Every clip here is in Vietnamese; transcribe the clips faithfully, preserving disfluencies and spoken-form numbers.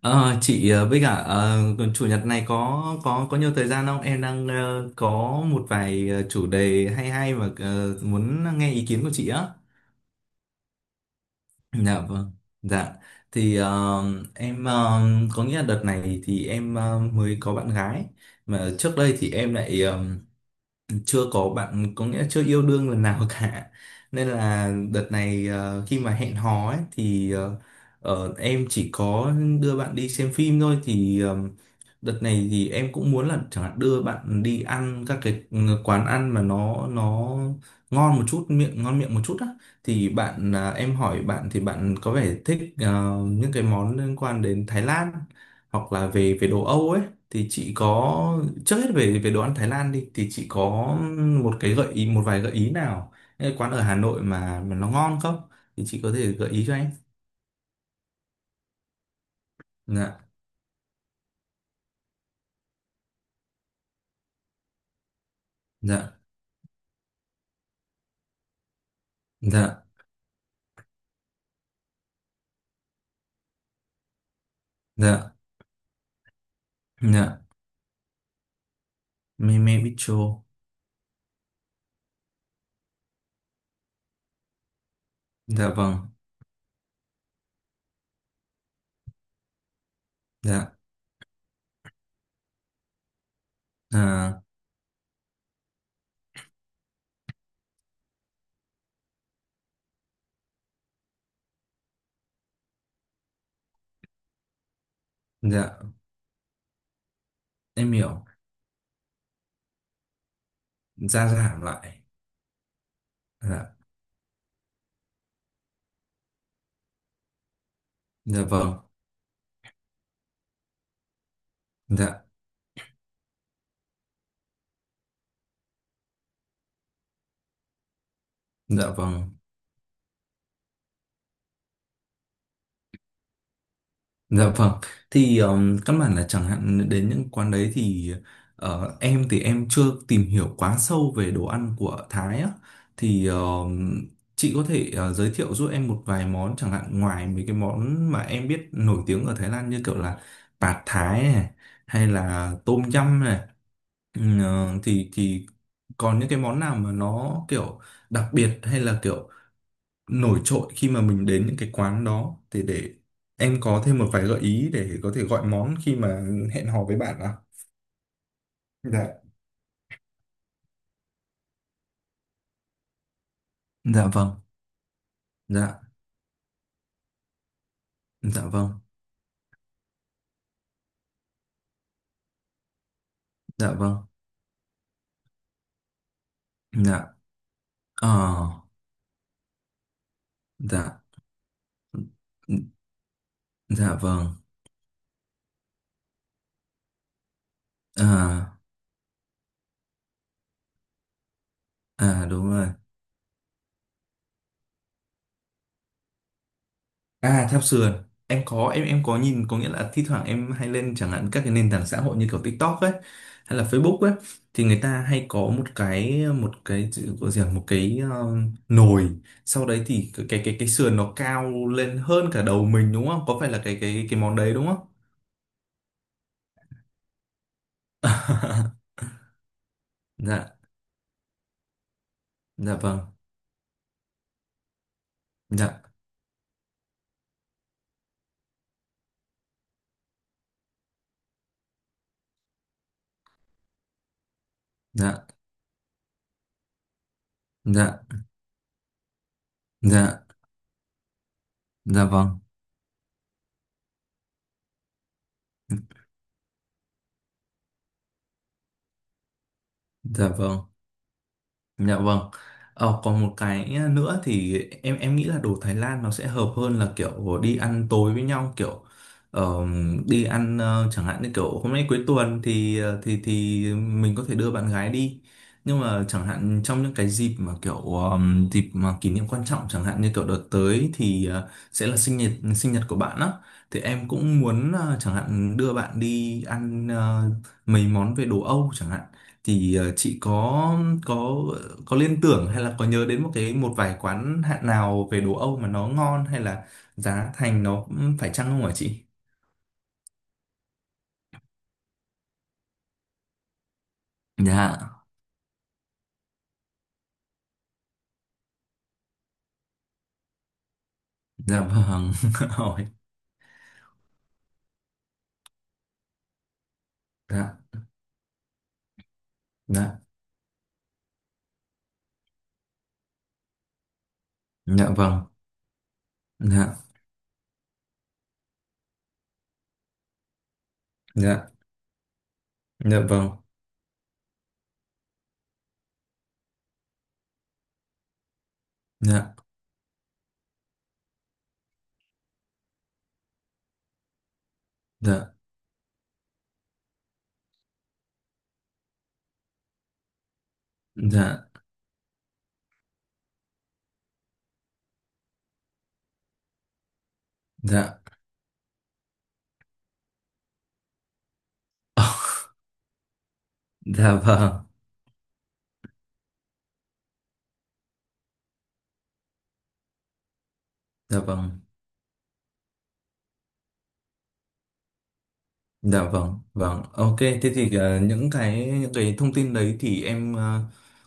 Ờ, chị ờ, với cả ờ, chủ nhật này có có có nhiều thời gian không? Em đang ờ, có một vài ờ, chủ đề hay hay mà ờ, muốn nghe ý kiến của chị á. Dạ vâng. Dạ. Thì ờ, em ờ, có nghĩa là đợt này thì em ờ, mới có bạn gái, mà trước đây thì em lại ờ, chưa có bạn, có nghĩa chưa yêu đương lần nào cả, nên là đợt này ờ, khi mà hẹn hò ấy thì ờ, ờ, em chỉ có đưa bạn đi xem phim thôi. Thì ờ, đợt này thì em cũng muốn là chẳng hạn đưa bạn đi ăn các cái quán ăn mà nó nó ngon một chút, miệng ngon miệng một chút á. Thì bạn à, em hỏi bạn thì bạn có vẻ thích ờ, những cái món liên quan đến Thái Lan hoặc là về về đồ Âu ấy. Thì chị có, trước hết về về đồ ăn Thái Lan đi, thì chị có một cái gợi ý, một vài gợi ý nào những cái quán ở Hà Nội mà, mà nó ngon không, thì chị có thể gợi ý cho em. Dạ. Dạ. Dạ. Dạ. Dạ. Me me bicho. Dạ vâng. Dạ. À, dạ. Em hiểu. Gia giảm lại. Dạ. Dạ vâng. Dạ. Dạ vâng. Dạ vâng, thì um, căn bản là chẳng hạn đến những quán đấy thì ờ, em thì em chưa tìm hiểu quá sâu về đồ ăn của Thái á, thì um, chị có thể ờ, giới thiệu giúp em một vài món chẳng hạn, ngoài mấy cái món mà em biết nổi tiếng ở Thái Lan như kiểu là Pad Thái này hay là Tom Yum này. Ừ, ờ, thì thì còn những cái món nào mà nó kiểu đặc biệt hay là kiểu nổi trội khi mà mình đến những cái quán đó, thì để em có thêm một vài gợi ý để có thể gọi món khi mà hẹn hò với bạn à? Dạ. Dạ vâng. Dạ. Dạ vâng. Dạ vâng. Dạ. Ờ. Dạ. Dạ vâng. À. À đúng rồi. À theo sườn, em có, em em có nhìn, có nghĩa là thi thoảng em hay lên chẳng hạn các cái nền tảng xã hội như kiểu TikTok ấy hay là Facebook ấy, thì người ta hay có một cái, một cái chữ- gọi gì à, một cái ờ, nồi, sau đấy thì cái cái cái, cái sườn nó cao lên hơn cả đầu mình đúng không? Có phải là cái cái cái món đấy đúng không? Dạ. Dạ vâng. Dạ. Dạ. Dạ. Dạ. Dạ vâng. Dạ vâng. Dạ vâng. Ờ, còn một cái nữa thì em em nghĩ là đồ Thái Lan nó sẽ hợp hơn là kiểu đi ăn tối với nhau kiểu ờ, đi ăn ờ, chẳng hạn như kiểu hôm nay cuối tuần thì ờ, thì thì mình có thể đưa bạn gái đi. Nhưng mà chẳng hạn trong những cái dịp mà kiểu ờm, dịp mà kỷ niệm quan trọng, chẳng hạn như kiểu đợt tới thì ờ, sẽ là sinh nhật sinh nhật của bạn á, thì em cũng muốn ờ, chẳng hạn đưa bạn đi ăn ờ, mấy món về đồ Âu chẳng hạn. Thì ờ, chị có, có có liên tưởng hay là có nhớ đến một cái, một vài quán hạn nào về đồ Âu mà nó ngon hay là giá thành nó phải chăng không hả chị? Dạ. Dạ vâng. Ôi. Dạ. Dạ. Dạ vâng. Dạ. Dạ. Dạ vâng. Dạ. Dạ. Dạ. Dạ. Dạ vâng. Dạ vâng. Dạ vâng, vâng. Ok, thế thì ờ, những cái, những cái thông tin đấy thì em ờ,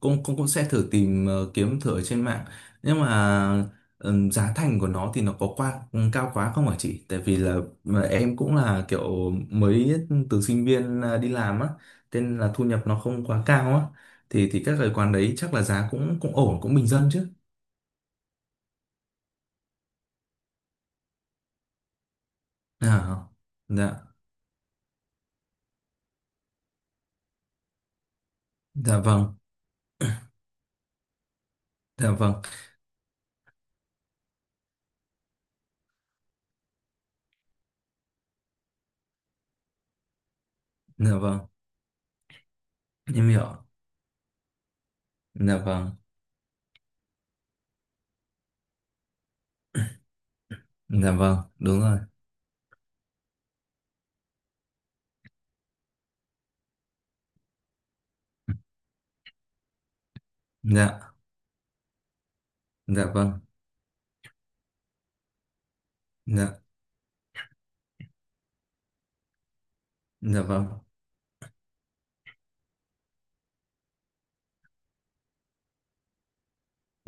cũng cũng cũng sẽ thử tìm ờ, kiếm thử ở trên mạng. Nhưng mà ừm, giá thành của nó thì nó có qua ừ, cao quá không hả chị? Tại vì là mà em cũng là kiểu mới từ sinh viên ờ, đi làm á, thế nên là thu nhập nó không quá cao á. Thì thì các cái quán đấy chắc là giá cũng cũng ổn, cũng bình dân chứ. À. Dạ. Dạ vâng. Dạ vâng. Dạ vâng. Em hiểu. Dạ vâng. Dạ vâng, đúng rồi. Dạ. Dạ vâng. Dạ. Dạ vâng.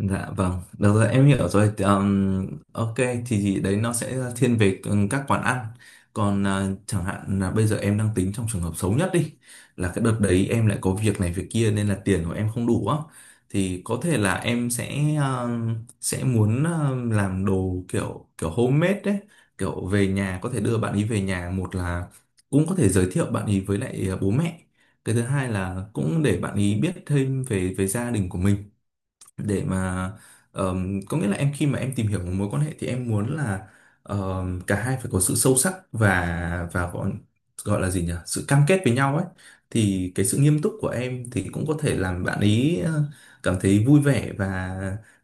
Dạ vâng, được rồi, em hiểu rồi. Thì um, ok, thì đấy nó sẽ thiên về um, các quán ăn. Còn à, chẳng hạn là bây giờ em đang tính trong trường hợp xấu nhất đi, là cái đợt đấy em lại có việc này việc kia nên là tiền của em không đủ á, thì có thể là em sẽ um, sẽ muốn um, làm đồ kiểu kiểu homemade đấy, kiểu về nhà có thể đưa bạn ấy về nhà, một là cũng có thể giới thiệu bạn ấy với lại à, bố mẹ. Cái thứ hai là cũng để bạn ấy biết thêm về về gia đình của mình để mà ờm, có nghĩa là em, khi mà em tìm hiểu một mối quan hệ thì em muốn là ờm, cả hai phải có sự sâu sắc và và gọi gọi là gì nhỉ sự cam kết với nhau ấy, thì cái sự nghiêm túc của em thì cũng có thể làm bạn ấy ờ, cảm thấy vui vẻ và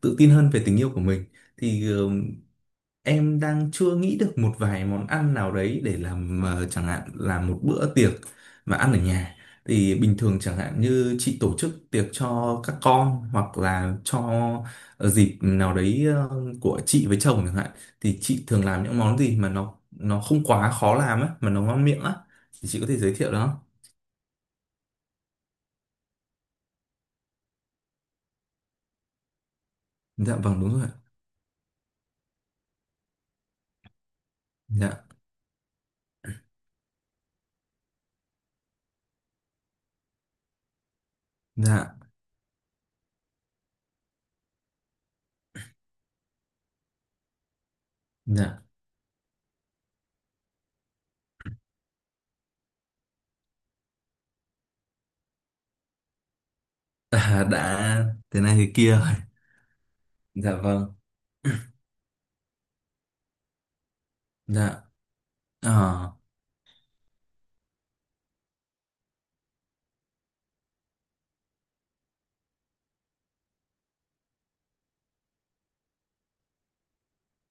tự tin hơn về tình yêu của mình. Thì ờ, em đang chưa nghĩ được một vài món ăn nào đấy để làm ờ, chẳng hạn là một bữa tiệc mà ăn ở nhà. Thì bình thường chẳng hạn như chị tổ chức tiệc cho các con hoặc là cho ờ, dịp nào đấy ờ, của chị với chồng chẳng hạn, thì chị thường làm những món gì mà nó nó không quá khó làm á mà nó ngon miệng á, thì chị có thể giới thiệu đó. Dạ vâng đúng rồi ạ. Dạ. Dạ. Dạ. À, đã thế này thế kia rồi. Dạ vâng. Dạ. À.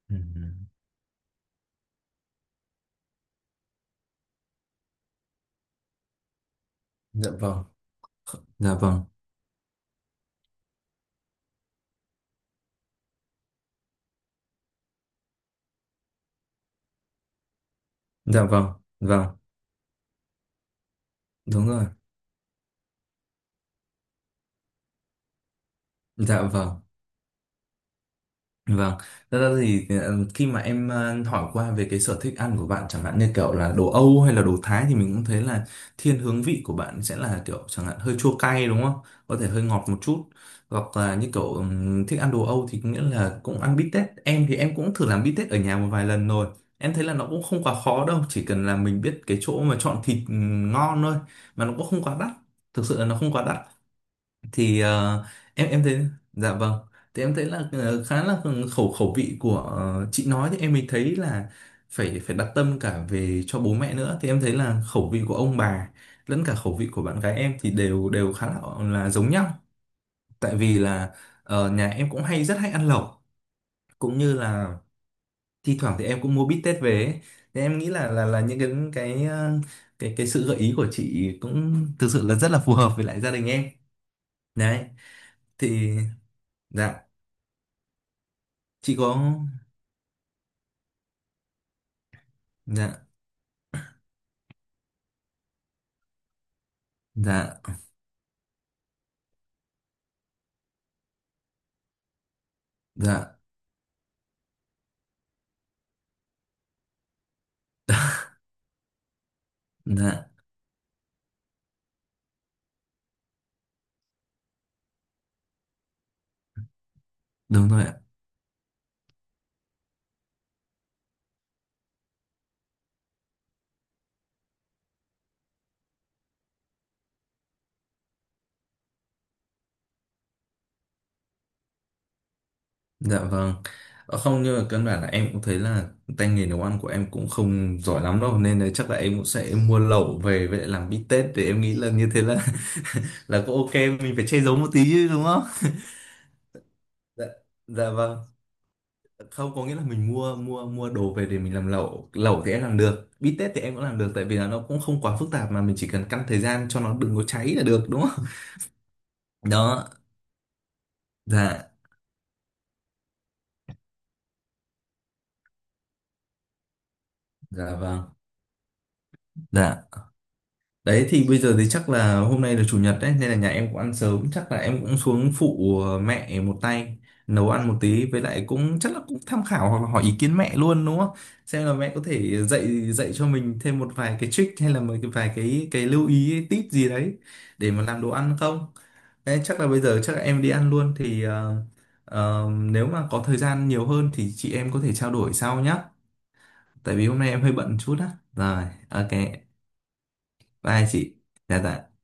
Ừ. Dạ vâng. Dạ vâng. Dạ vâng, vâng, đúng rồi. Dạ vâng, vâng. Thật ra thì ờ, khi mà em ờ, hỏi qua về cái sở thích ăn của bạn chẳng hạn như kiểu là đồ Âu hay là đồ Thái thì mình cũng thấy là thiên hướng vị của bạn sẽ là kiểu chẳng hạn hơi chua cay đúng không? Có thể hơi ngọt một chút. Hoặc là như kiểu ừm, thích ăn đồ Âu thì có nghĩa là cũng ăn bít tết. Em thì em cũng thử làm bít tết ở nhà một vài lần rồi. Em thấy là nó cũng không quá khó đâu, chỉ cần là mình biết cái chỗ mà chọn thịt ừm, ngon thôi, mà nó cũng không quá đắt. Thực sự là nó không quá đắt. Thì ờ, em em thấy, dạ vâng, thì em thấy là ờ, khá là khẩu khẩu vị của ờ, chị nói thì em mới thấy là phải phải đặt tâm cả về cho bố mẹ nữa, thì em thấy là khẩu vị của ông bà lẫn cả khẩu vị của bạn gái em thì đều đều khá là là giống nhau. Tại vì là ờ, nhà em cũng hay rất hay ăn lẩu, cũng như là thi thoảng thì em cũng mua bít tết về ấy. Thì em nghĩ là là là những cái, cái ờ, cái cái sự gợi ý của chị cũng thực sự là rất là phù hợp với lại gia đình em đấy. Thì dạ, chị có, dạ, dạ, dạ, dạ đúng rồi ạ, dạ vâng. Ờ, không nhưng mà căn bản là em cũng thấy là tay nghề nấu ăn của em cũng không giỏi lắm đâu, nên là chắc là em cũng sẽ mua lẩu về với lại làm bít tết. Để em nghĩ là như thế là là cũng ok, mình phải che giấu một tí chứ đúng không? Dạ. Dạ vâng. Không, có nghĩa là mình mua mua mua đồ về để mình làm lẩu, lẩu thì em làm được, bít tết thì em cũng làm được, tại vì là nó cũng không quá phức tạp, mà mình chỉ cần căn thời gian cho nó đừng có cháy là được đúng không. Đó. Dạ. Dạ vâng. Dạ. Đấy thì bây giờ thì chắc là hôm nay là chủ nhật đấy, nên là nhà em cũng ăn sớm, chắc là em cũng xuống phụ ờ, mẹ một tay nấu ăn một tí, với lại cũng chắc là cũng tham khảo hoặc là hỏi ý kiến mẹ luôn đúng không? Xem là mẹ có thể dạy dạy cho mình thêm một vài cái trick hay là một cái vài cái cái lưu ý, tip gì đấy để mà làm đồ ăn không? Đấy, chắc là bây giờ chắc là em đi ăn luôn, thì ờ, ờ, nếu mà có thời gian nhiều hơn thì chị em có thể trao đổi sau nhá. Tại vì hôm nay em hơi bận chút á. Rồi, ok. Bye chị. Dạ dạ.